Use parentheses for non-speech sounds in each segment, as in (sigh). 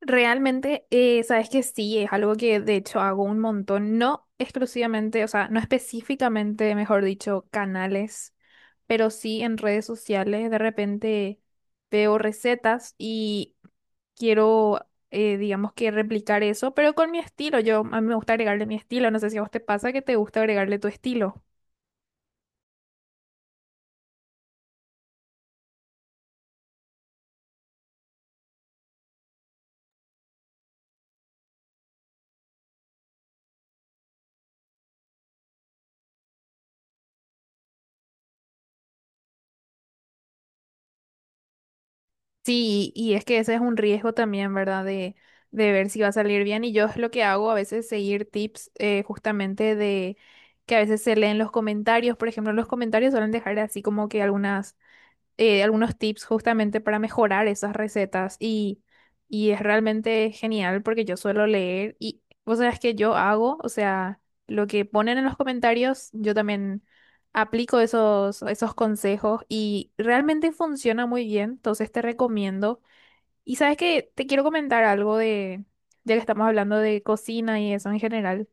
Realmente, sabes que sí, es algo que de hecho hago un montón, no exclusivamente, o sea, no específicamente, mejor dicho, canales, pero sí en redes sociales. De repente veo recetas y quiero, digamos que replicar eso, pero con mi estilo. Yo, a mí me gusta agregarle mi estilo. No sé si a vos te pasa que te gusta agregarle tu estilo. Sí, y es que ese es un riesgo también, ¿verdad? De ver si va a salir bien. Y yo es lo que hago a veces, seguir tips justamente de que a veces se leen los comentarios. Por ejemplo, los comentarios suelen dejar así como que algunas algunos tips justamente para mejorar esas recetas y es realmente genial porque yo suelo leer y vos sabés que yo hago, o sea, lo que ponen en los comentarios, yo también aplico esos consejos y realmente funciona muy bien, entonces te recomiendo. Y sabes que te quiero comentar algo de, ya que estamos hablando de cocina y eso en general.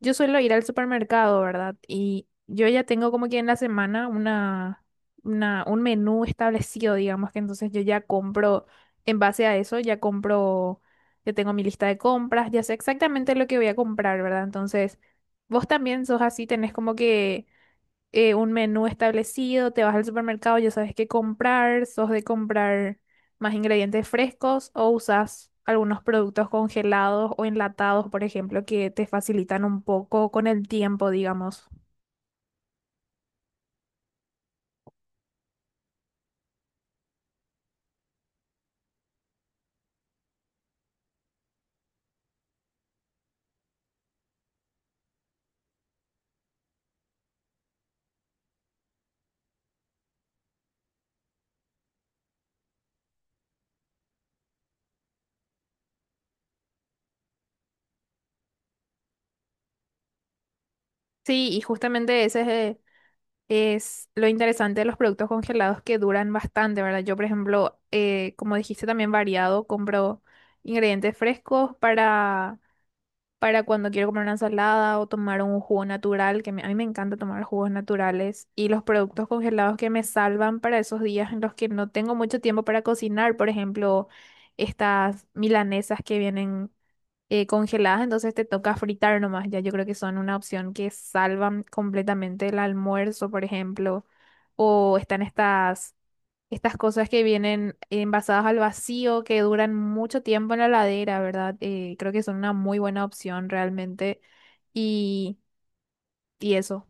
Yo suelo ir al supermercado, ¿verdad? Y yo ya tengo como que en la semana un menú establecido, digamos que entonces yo ya compro, en base a eso, ya compro, ya tengo mi lista de compras, ya sé exactamente lo que voy a comprar, ¿verdad? Entonces, vos también sos así, tenés como que un menú establecido, te vas al supermercado, ya sabes qué comprar, sos de comprar más ingredientes frescos o usas algunos productos congelados o enlatados, por ejemplo, que te facilitan un poco con el tiempo, digamos. Sí, y justamente ese es lo interesante de los productos congelados que duran bastante, ¿verdad? Yo, por ejemplo, como dijiste, también variado, compro ingredientes frescos para cuando quiero comer una salada o tomar un jugo natural, a mí me encanta tomar jugos naturales, y los productos congelados que me salvan para esos días en los que no tengo mucho tiempo para cocinar, por ejemplo, estas milanesas que vienen congeladas, entonces te toca fritar nomás, ya yo creo que son una opción que salvan completamente el almuerzo, por ejemplo, o están estas cosas que vienen envasadas al vacío, que duran mucho tiempo en la heladera, ¿verdad? Creo que son una muy buena opción realmente. Y, y eso.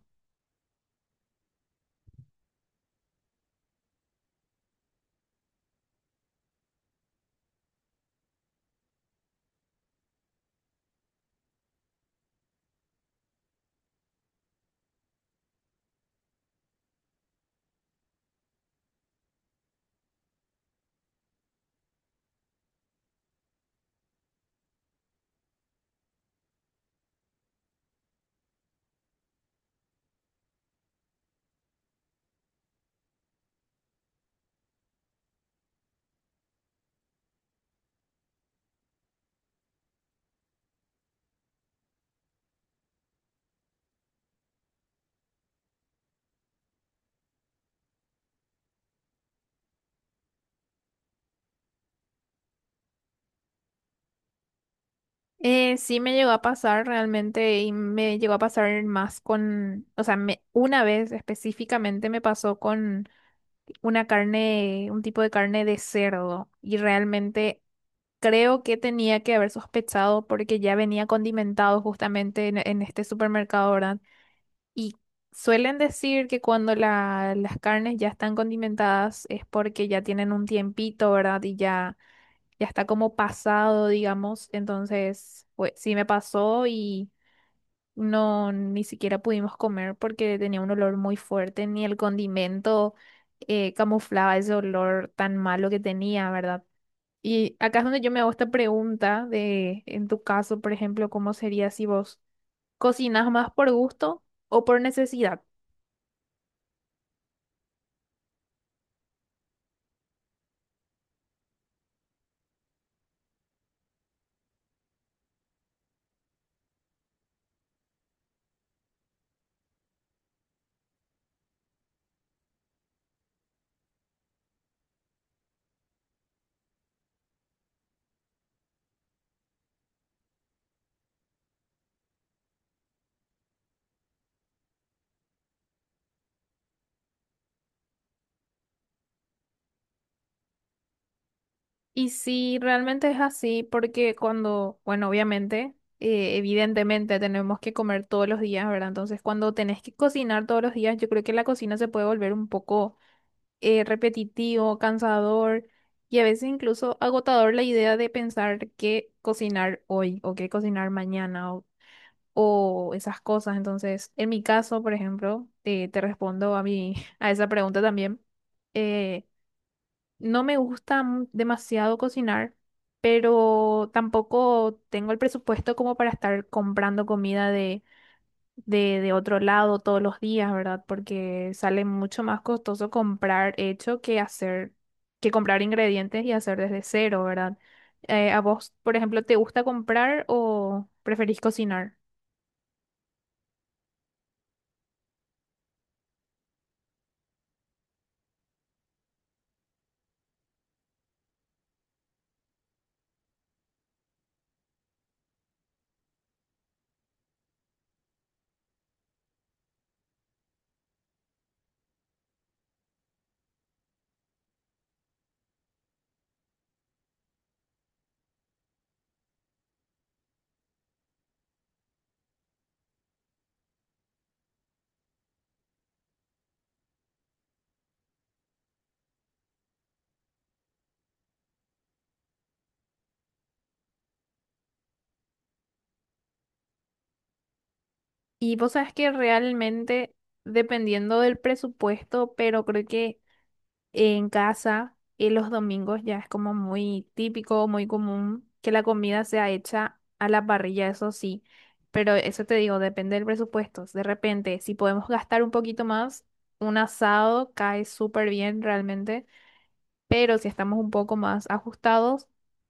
Sí me llegó a pasar realmente y me llegó a pasar más con, o sea, una vez específicamente me pasó con una carne, un tipo de carne de cerdo y realmente creo que tenía que haber sospechado porque ya venía condimentado justamente en este supermercado, ¿verdad? Y suelen decir que cuando las carnes ya están condimentadas es porque ya tienen un tiempito, ¿verdad? Y ya, ya está como pasado, digamos. Entonces, pues sí me pasó y no, ni siquiera pudimos comer porque tenía un olor muy fuerte, ni el condimento camuflaba ese olor tan malo que tenía, ¿verdad? Y acá es donde yo me hago esta pregunta de, en tu caso, por ejemplo, ¿cómo sería si vos cocinas más por gusto o por necesidad? Y sí, realmente es así, porque cuando, bueno, obviamente, evidentemente tenemos que comer todos los días, ¿verdad? Entonces, cuando tenés que cocinar todos los días, yo creo que la cocina se puede volver un poco repetitivo, cansador y a veces incluso agotador la idea de pensar qué cocinar hoy o qué cocinar mañana o esas cosas. Entonces, en mi caso, por ejemplo, te respondo a mi, (laughs) a esa pregunta también. eh, no me gusta demasiado cocinar, pero tampoco tengo el presupuesto como para estar comprando comida de, de otro lado todos los días, ¿verdad? Porque sale mucho más costoso comprar hecho que hacer, que comprar ingredientes y hacer desde cero, ¿verdad? ¿A vos, por ejemplo, te gusta comprar o preferís cocinar? Y vos sabes que realmente dependiendo del presupuesto, pero creo que en casa y los domingos ya es como muy típico, muy común que la comida sea hecha a la parrilla, eso sí. Pero eso te digo, depende del presupuesto. De repente, si podemos gastar un poquito más, un asado cae súper bien realmente, pero si estamos un poco más ajustados,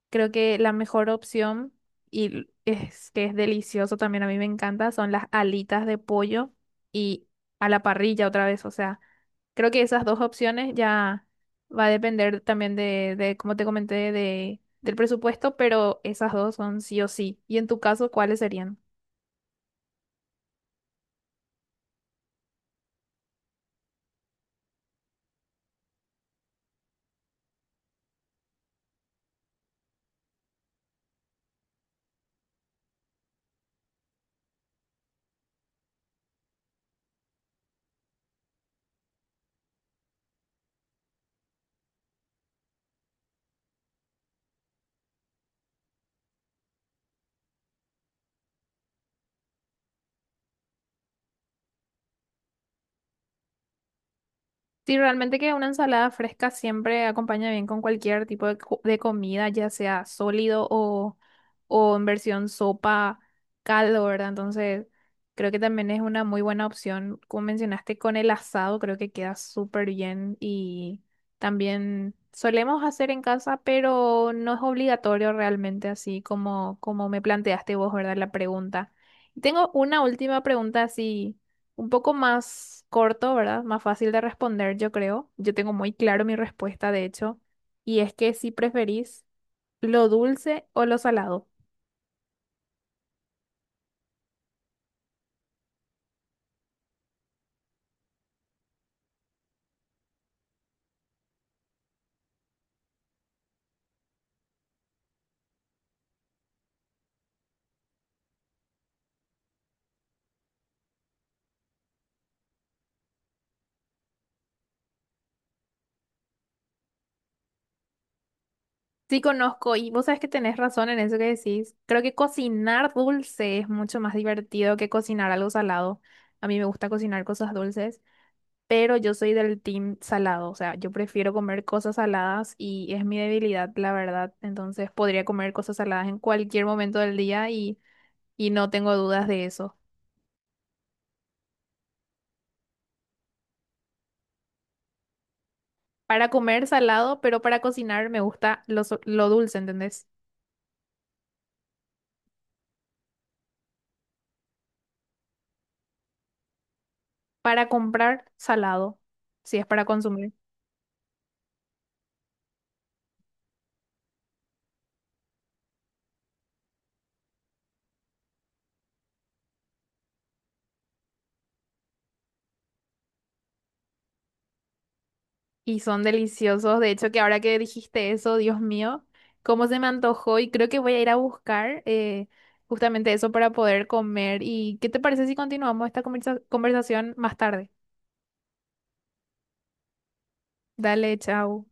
creo que la mejor opción, y es que es delicioso también, a mí me encanta, son las alitas de pollo y a la parrilla otra vez. O sea, creo que esas dos opciones ya va a depender también de como te comenté, de, del presupuesto, pero esas dos son sí o sí. ¿Y en tu caso, cuáles serían? Sí, realmente que una ensalada fresca siempre acompaña bien con cualquier tipo de comida, ya sea sólido o en versión sopa, caldo, ¿verdad? Entonces, creo que también es una muy buena opción. Como mencionaste, con el asado creo que queda súper bien y también solemos hacer en casa, pero no es obligatorio realmente, así como, como me planteaste vos, ¿verdad? La pregunta. Tengo una última pregunta así un poco más corto, ¿verdad? Más fácil de responder, yo creo. Yo tengo muy claro mi respuesta, de hecho, y es que si preferís lo dulce o lo salado. Sí conozco, y vos sabes que tenés razón en eso que decís. Creo que cocinar dulce es mucho más divertido que cocinar algo salado. A mí me gusta cocinar cosas dulces, pero yo soy del team salado, o sea, yo prefiero comer cosas saladas y es mi debilidad, la verdad. Entonces podría comer cosas saladas en cualquier momento del día y no tengo dudas de eso. Para comer salado, pero para cocinar me gusta lo dulce, ¿entendés? Para comprar salado, si es para consumir. Y son deliciosos. De hecho, que ahora que dijiste eso, Dios mío, cómo se me antojó y creo que voy a ir a buscar justamente eso para poder comer. ¿Y qué te parece si continuamos esta conversación más tarde? Dale, chao.